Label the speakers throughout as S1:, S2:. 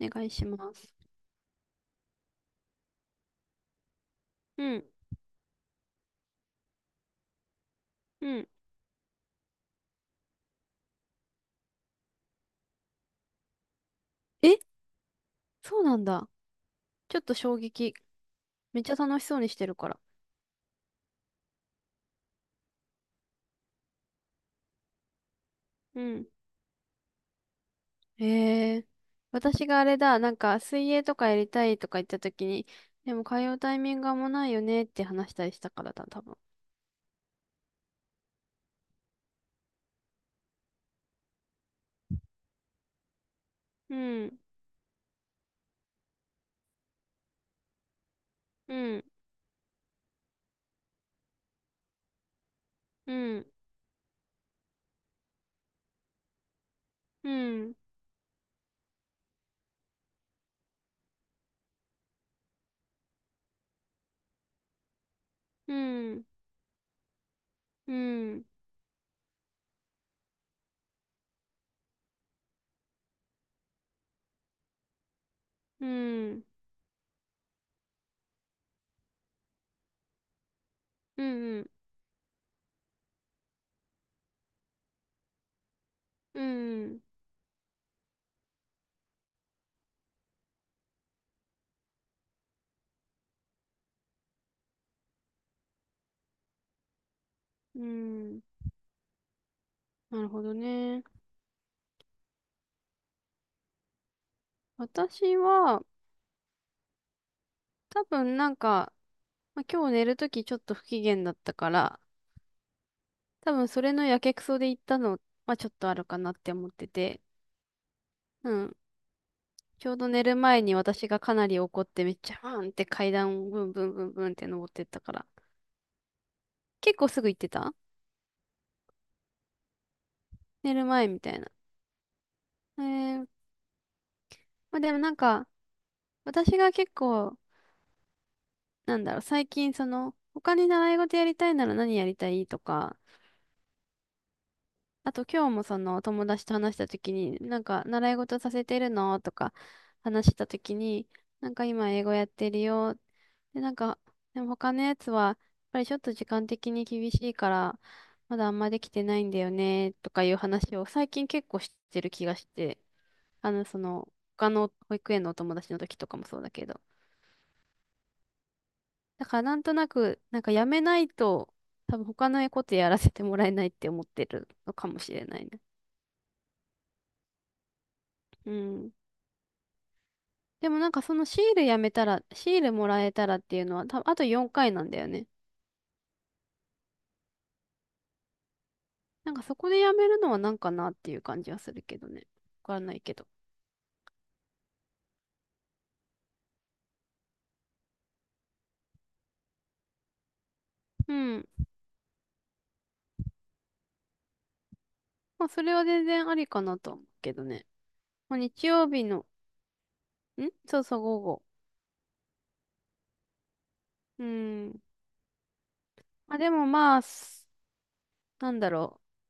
S1: お願いします。うん。うん。え、そうなんだ。ちょっと衝撃。めっちゃ楽しそうにしてるから。うん。へえ。私があれだ、なんか水泳とかやりたいとか言った時に、でも通うタイミングがもうないよねって話したりしたからだ、多分。うん。うん。うん。うん。うん。うん。うん。うん。うん。うん。なるほどね。私は、多分なんか、まあ、今日寝るときちょっと不機嫌だったから、多分それのやけくそで行ったのはちょっとあるかなって思ってて。うん。ちょうど寝る前に私がかなり怒ってめっちゃバーンって階段をブンブンブンブンって登ってったから。結構すぐ行ってた寝る前みたいな。えー、まあ、でもなんか私が結構なんだろう、最近その他に習い事やりたいなら何やりたいとか、あと今日もその友達と話した時に、なんか習い事させてるのとか話した時に、なんか今英語やってるよ。で、なんか、でも他のやつは、やっぱりちょっと時間的に厳しいから、まだあんまできてないんだよね、とかいう話を最近結構してる気がして、あの、その、他の保育園のお友達の時とかもそうだけど。だからなんとなく、なんかやめないと、多分他のことやらせてもらえないって思ってるのかもしれないね。うん。でもなんかそのシールやめたら、シールもらえたらっていうのは、あと4回なんだよね。なんかそこでやめるのはなんかなっていう感じはするけどね。わからないけど。うん。まあそれは全然ありかなと思うけどね。まあ、日曜日の、んそうそう、午後。うん。まあでもまあ、すなんだろう。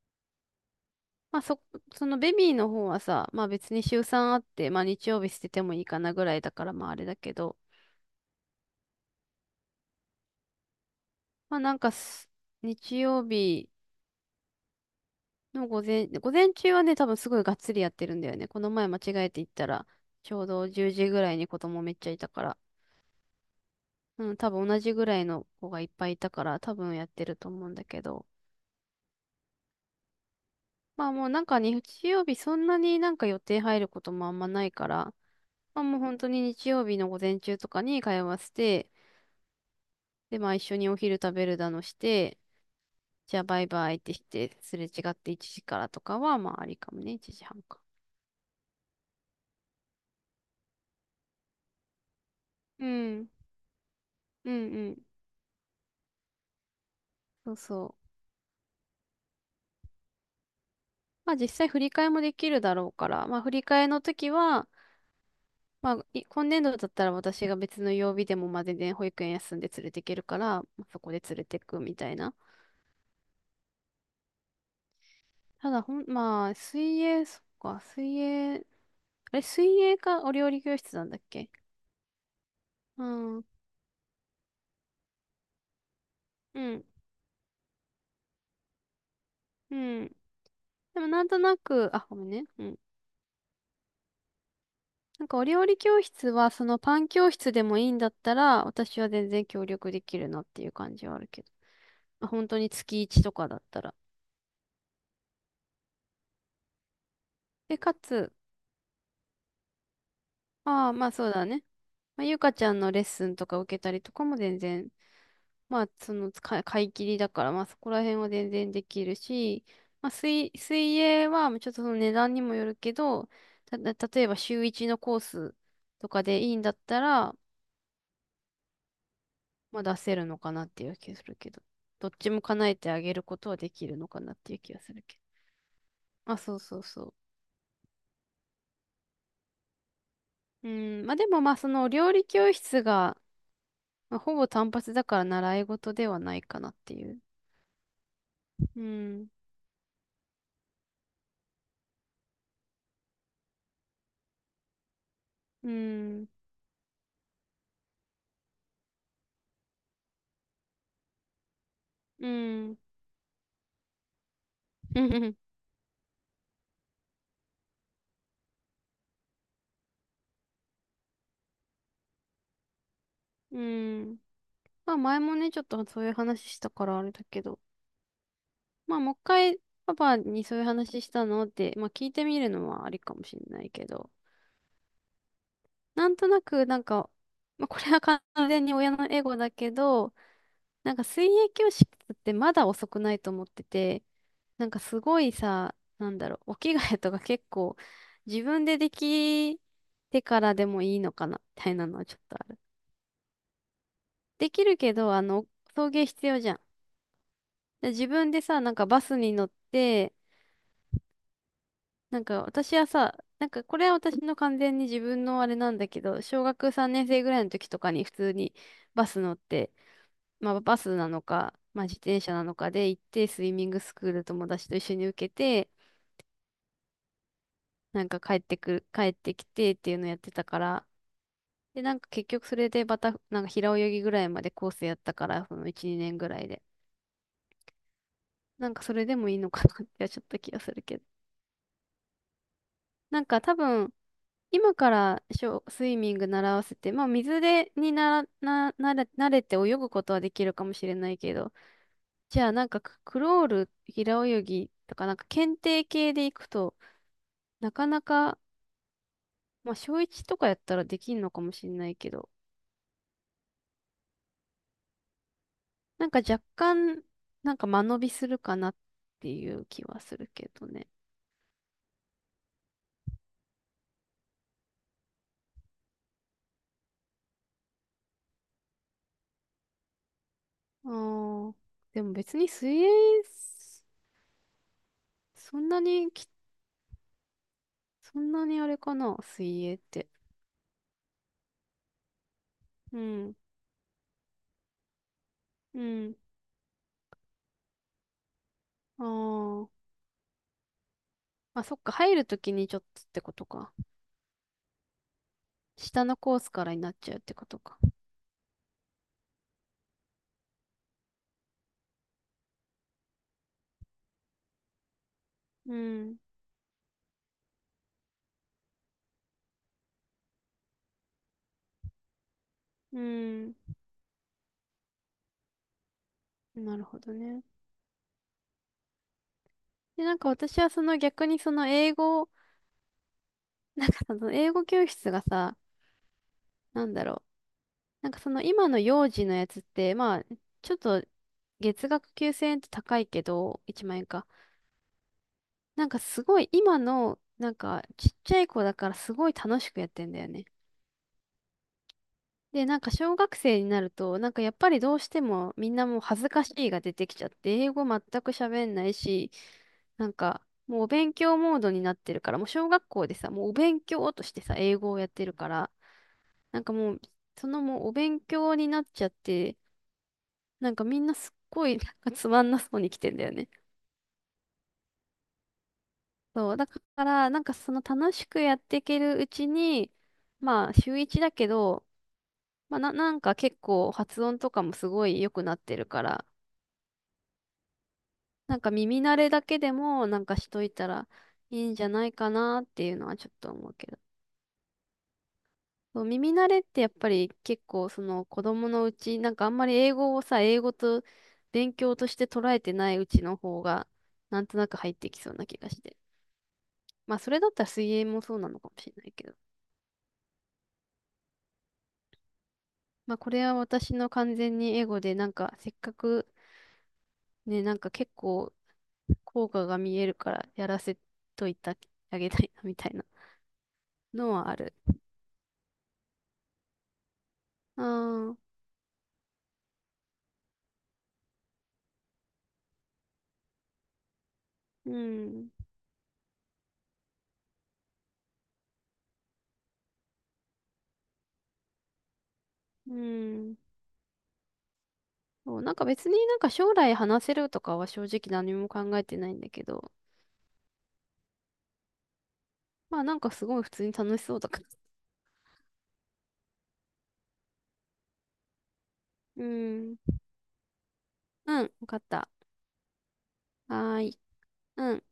S1: まあそ、そのベビーの方はさ、まあ別に週3あって、まあ日曜日捨ててもいいかなぐらいだからまああれだけど、まあなんかす、日曜日、の午前、午前中はね、多分すごいがっつりやってるんだよね。この前間違えて行ったら、ちょうど10時ぐらいに子供めっちゃいたから、うん、多分同じぐらいの子がいっぱいいたから、多分やってると思うんだけど。まあもうなんかね、日曜日そんなになんか予定入ることもあんまないから、まあもう本当に日曜日の午前中とかに通わせて、でまあ一緒にお昼食べるだのして、じゃあバイバイってして、すれ違って1時からとかはまあありかもね、1時半か。うん、うんうん。そうそう。まあ実際振り替えもできるだろうから、まあ振り替えの時は、まあ今年度だったら私が別の曜日でもまあ全然保育園休んで連れて行けるから、まあそこで連れてくみたいな。ただまあ水泳、そっか、水泳、あれ水泳かお料理教室なんだっけ？うん、うん、うん。でもなんとなく、あ、ごめんね。うん。なんかお料理教室はそのパン教室でもいいんだったら、私は全然協力できるなっていう感じはあるけど。まあ本当に月1とかだったら。で、かつ、ああ、まあそうだね。まあ、ゆかちゃんのレッスンとか受けたりとかも全然、まあその使い、買い切りだから、まあそこら辺は全然できるし、まあ水、水泳はちょっとその値段にもよるけど、た、例えば週一のコースとかでいいんだったら、まあ出せるのかなっていう気がするけど、どっちも叶えてあげることはできるのかなっていう気がするけど。まあそうそうそう。うん、まあでもまあその料理教室が、まあ、ほぼ単発だから習い事ではないかなっていう。うんうん。うん。うん。うん、まあ前もね、ちょっとそういう話したからあれだけど、まあもう一回パパにそういう話したのって、まあ聞いてみるのはありかもしれないけど、なんとなくなんか、まあこれは完全に親のエゴだけど、なんか水泳教室ってまだ遅くないと思ってて、なんかすごいさ、なんだろう、お着替えとか結構自分でできてからでもいいのかな、みたいなのはちょっとある。できるけど、あの、送迎必要じゃん。で、自分でさ、なんかバスに乗って、なんか私はさ、なんかこれは私の完全に自分のあれなんだけど、小学3年生ぐらいの時とかに普通にバス乗って、まあバスなのか、まあ自転車なのかで行って、スイミングスクール友達と一緒に受けて、なんか帰ってくる、帰ってきてっていうのやってたから、で、なんか結局それでまた、なんか平泳ぎぐらいまでコースやったから、その1、2年ぐらいで。なんかそれでもいいのかなってちょっと気がするけど。なんか多分、今からショースイミング習わせて、まあ水で、になな、なれ、慣れて泳ぐことはできるかもしれないけど、じゃあなんかクロール、平泳ぎとかなんか検定系で行くと、なかなか、まあ小1とかやったらできんのかもしれないけど、なんか若干、なんか間延びするかなっていう気はするけどね。あーでも別に水泳、そんなにき、そんなにあれかな、水泳って。うんうん。ああ。あ、そっか。入るときにちょっとってことか。下のコースからになっちゃうってことか。うん。うん。なるほどね。で、なんか私はその逆にその英語、その英語教室がさ、なんだろう。なんかその今の幼児のやつって、まあ、ちょっと月額9000円って高いけど、1万円か。なんかすごい今の、なんかちっちゃい子だからすごい楽しくやってんだよね。で、なんか小学生になると、なんかやっぱりどうしてもみんなもう恥ずかしいが出てきちゃって、英語全く喋んないし、なんかもうお勉強モードになってるから、もう小学校でさ、もうお勉強としてさ、英語をやってるから、なんかもう、そのもうお勉強になっちゃって、なんかみんなすっごいなんかつまんなそうに来てんだよね。そう、だから、なんかその楽しくやっていけるうちに、まあ週一だけど、まあな、なんか結構発音とかもすごい良くなってるから、なんか耳慣れだけでもなんかしといたらいいんじゃないかなっていうのはちょっと思うけど。そう耳慣れってやっぱり結構その子供のうち、なんかあんまり英語をさ、英語と勉強として捉えてないうちの方がなんとなく入ってきそうな気がして。まあそれだったら水泳もそうなのかもしれないけど。まあこれは私の完全にエゴでなんかせっかくね、なんか結構効果が見えるからやらせといてあげたいなみたいなのはある。ああ、うん。うん。そう、なんか別になんか将来話せるとかは正直何も考えてないんだけど、まあなんかすごい普通に楽しそうだから。うん。うん、わかった。はーい。うん。